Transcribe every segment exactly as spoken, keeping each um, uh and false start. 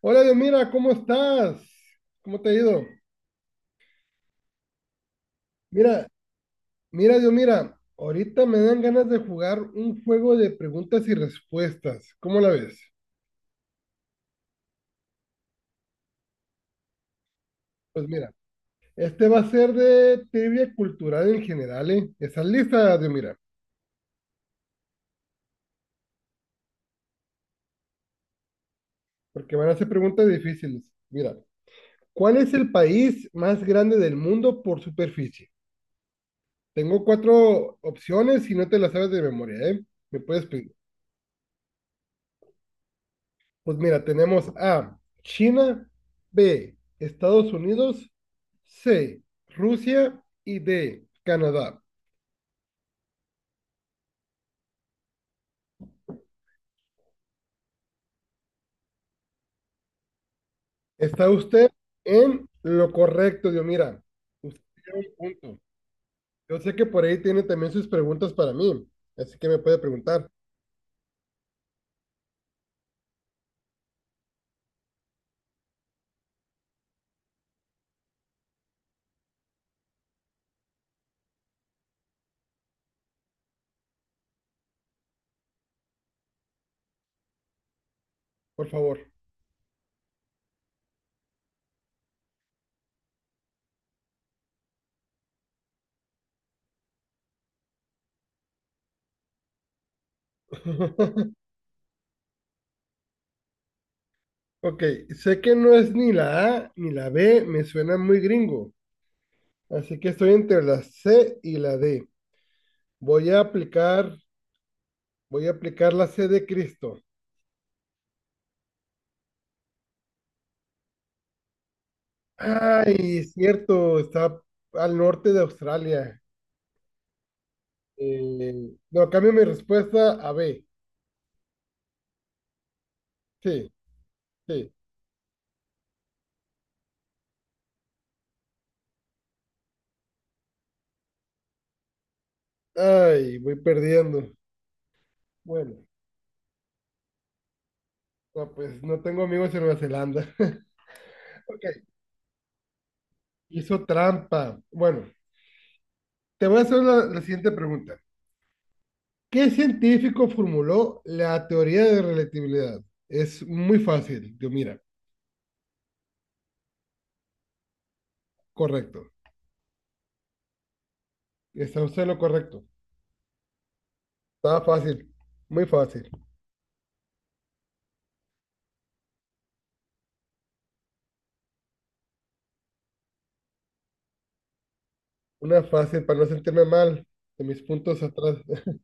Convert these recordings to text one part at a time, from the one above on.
Hola, Dios, mira, ¿cómo estás? ¿Cómo te ha ido? Mira, mira, Dios, mira, ahorita me dan ganas de jugar un juego de preguntas y respuestas. ¿Cómo la ves? Pues mira, este va a ser de trivia cultural en general, ¿eh? ¿Estás lista, Dios, mira? Porque van a ser preguntas difíciles. Mira, ¿cuál es el país más grande del mundo por superficie? Tengo cuatro opciones y no te las sabes de memoria, ¿eh? Me puedes pedir. Pues mira, tenemos A, China, B, Estados Unidos, C, Rusia y D, Canadá. Está usted en lo correcto, Dios. Mira, usted tiene un punto. Yo sé que por ahí tiene también sus preguntas para mí, así que me puede preguntar, por favor. Ok, sé que no es ni la A ni la B, me suena muy gringo, así que estoy entre la C y la D. Voy a aplicar, Voy a aplicar la C de Cristo. Ay, es cierto, está al norte de Australia. Eh, no, cambio mi respuesta a B. Sí, sí. Ay, voy perdiendo. Bueno, no, pues no tengo amigos en Nueva Zelanda. Ok, hizo trampa. Bueno, te voy a hacer la, la siguiente pregunta. ¿Qué científico formuló la teoría de relatividad? Es muy fácil, yo mira, correcto. Está usted en lo correcto. Está fácil, muy fácil. Una fácil para no sentirme mal de mis puntos atrás.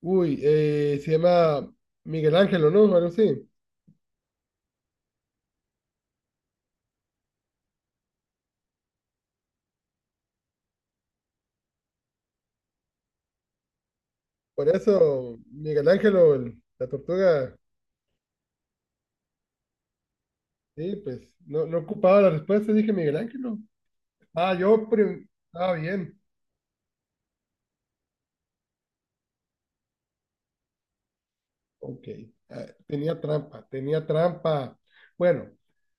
Uy, eh, se llama Miguel Ángelo, ¿no? Algo así. Por eso, Miguel Ángelo, el- la tortuga, sí, pues no, no ocupaba la respuesta, dije Miguel Ángelo. Ah, yo prim- estaba bien. Ok, ah, tenía trampa, tenía trampa. Bueno,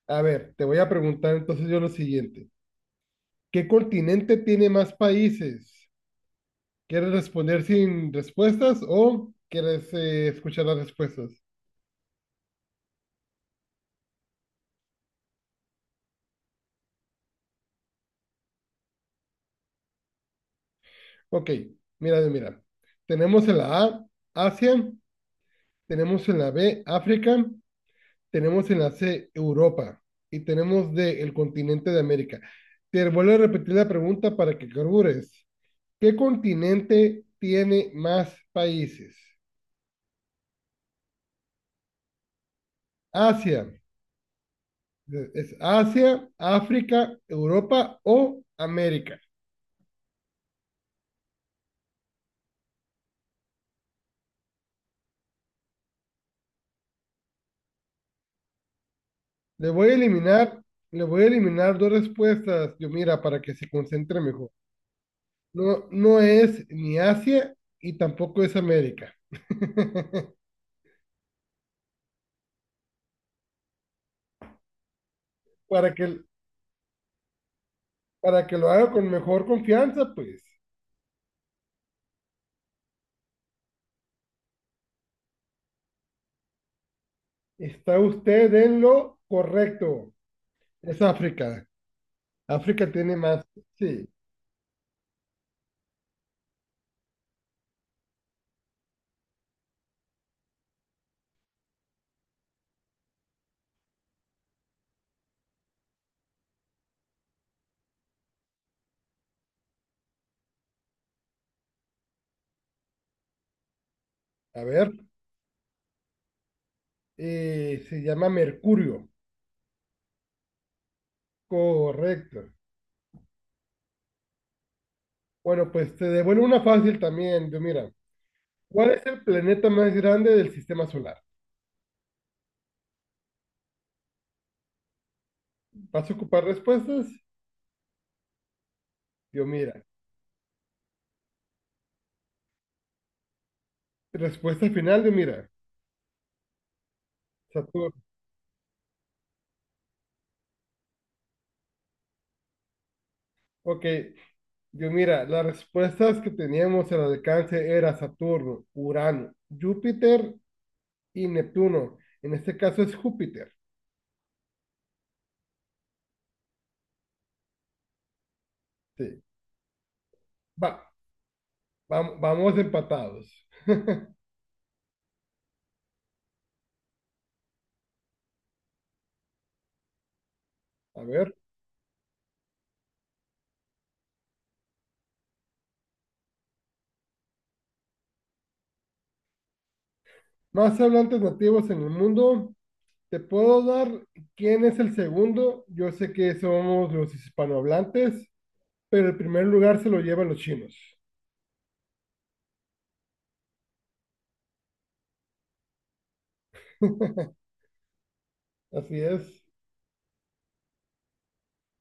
a ver, te voy a preguntar entonces yo lo siguiente. ¿Qué continente tiene más países? ¿Quieres responder sin respuestas o quieres eh, escuchar las respuestas? Ok, mira, mira. Tenemos en la A, Asia, tenemos en la B, África, tenemos en la C, Europa y tenemos D, el continente de América. Te vuelvo a repetir la pregunta para que carbures. ¿Qué continente tiene más países? Asia, es Asia, África, Europa o América. Le voy a eliminar, Le voy a eliminar dos respuestas, yo mira, para que se concentre mejor. No, no es ni Asia y tampoco es América. Para que, para que lo haga con mejor confianza, pues está usted en lo correcto. Es África. África tiene más. Sí, a ver. Eh, se llama Mercurio. Correcto. Bueno, pues te devuelvo una fácil también. Yo, mira, ¿cuál es el planeta más grande del sistema solar? ¿Vas a ocupar respuestas? Yo, mira. Respuesta final, yo, mira. Saturno. Ok, yo mira, las respuestas que teníamos al alcance era Saturno, Urano, Júpiter y Neptuno. En este caso es Júpiter. Sí. Va, vam- vamos empatados. A ver, más hablantes nativos en el mundo. ¿Te puedo dar quién es el segundo? Yo sé que somos los hispanohablantes, pero el primer lugar se lo llevan los chinos. Así es.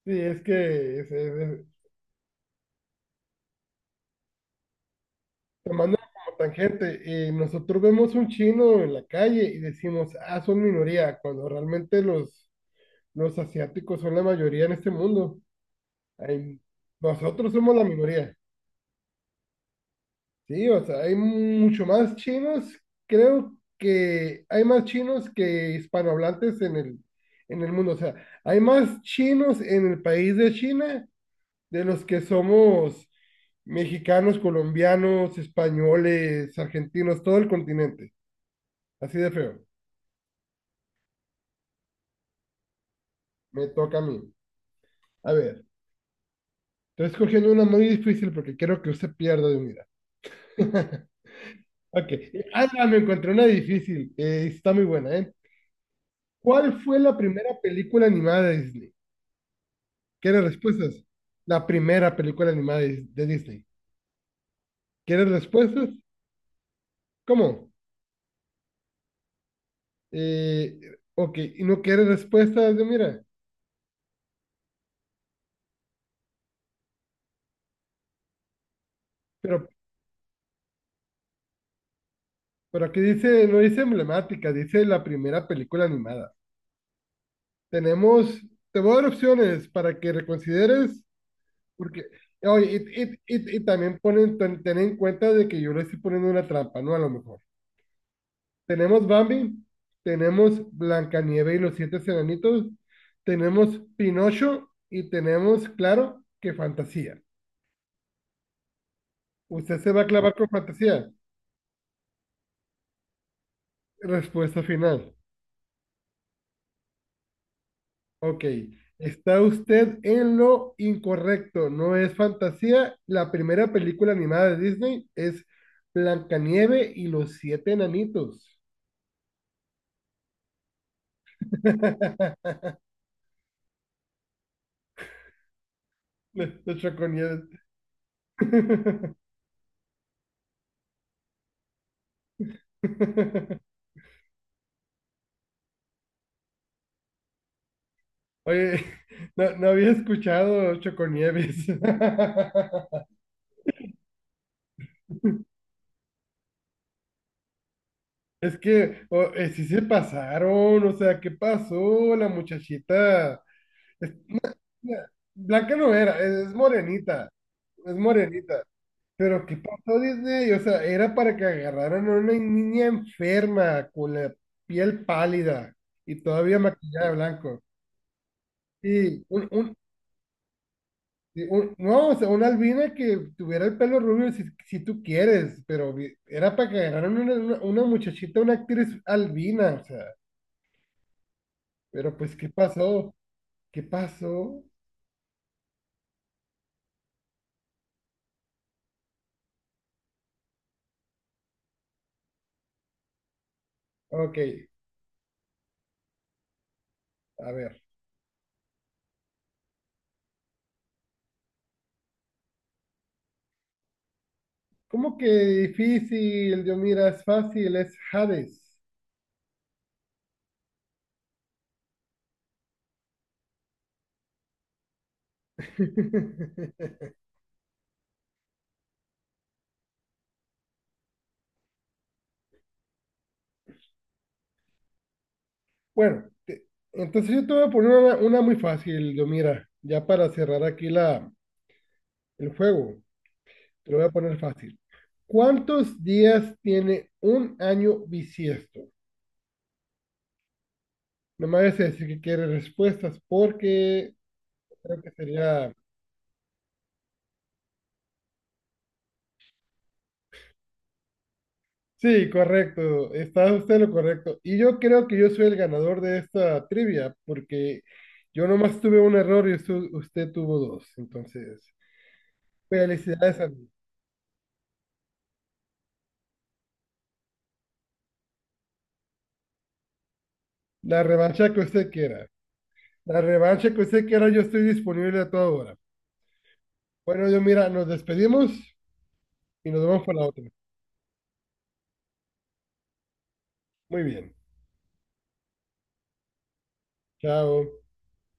Sí, es que es, es- tomando como tangente, eh, nosotros vemos un chino en la calle y decimos, ah, son minoría, cuando realmente los, los asiáticos son la mayoría en este mundo. Hay- Nosotros somos la minoría. Sí, o sea, hay mucho más chinos, creo que hay más chinos que hispanohablantes en el, en el mundo. O sea, hay más chinos en el país de China de los que somos mexicanos, colombianos, españoles, argentinos, todo el continente. Así de feo. Me toca a mí. A ver, estoy escogiendo una muy difícil porque quiero que usted pierda de unidad. Ok. Ah, no, me encontré una difícil. Eh, está muy buena, ¿eh? ¿Cuál fue la primera película animada de Disney? ¿Quieres respuestas? La primera película animada de, de Disney. ¿Quieres respuestas? ¿Cómo? Eh, ok, y no quieres respuestas, de mira, pero, pero aquí dice, no dice emblemática, dice la primera película animada. Tenemos, te voy a dar opciones para que reconsideres. Porque, oye, y, y- y- y también ponen, ten, ten en cuenta de que yo le estoy poniendo una trampa, ¿no? A lo mejor. Tenemos Bambi, tenemos Blancanieves y los siete enanitos, tenemos Pinocho y tenemos, claro, que fantasía. ¿Usted se va a clavar con fantasía? Respuesta final. Ok. Está usted en lo incorrecto. No es fantasía. La primera película animada de Disney es Blancanieve y los siete enanitos. Le, le Choconieves. Oye, no, no había escuchado Choconieves. Es que o- eh, sí se pasaron, o sea, ¿qué pasó? La muchachita. es- Blanca no era, es, es morenita. Es morenita. Pero ¿qué pasó, Disney? O sea, era para que agarraran a una niña enferma con la piel pálida y todavía maquillada de blanco. Sí, un, un- Sí, un- no, o sea, una albina que tuviera el pelo rubio si, si tú quieres, pero vi- era para que agarraran una, una, una muchachita, una actriz albina, o sea, pero pues, ¿qué pasó? ¿Qué pasó? Ok, a ver, ¿cómo que difícil? Yo mira, es fácil, es Hades. Bueno, te- entonces yo te voy a poner una, una muy fácil, yo mira, ya para cerrar aquí la, el juego. Te lo voy a poner fácil. ¿Cuántos días tiene un año bisiesto? No me vayas a decir que quiere respuestas porque creo que sería... Sí, correcto. Está usted en lo correcto. Y yo creo que yo soy el ganador de esta trivia porque yo nomás tuve un error y usted, usted tuvo dos. Entonces, felicidades a mí. La revancha que usted quiera. La revancha que usted quiera, yo estoy disponible a toda hora. Bueno, yo mira, nos despedimos y nos vemos para la otra. Muy bien. Chao.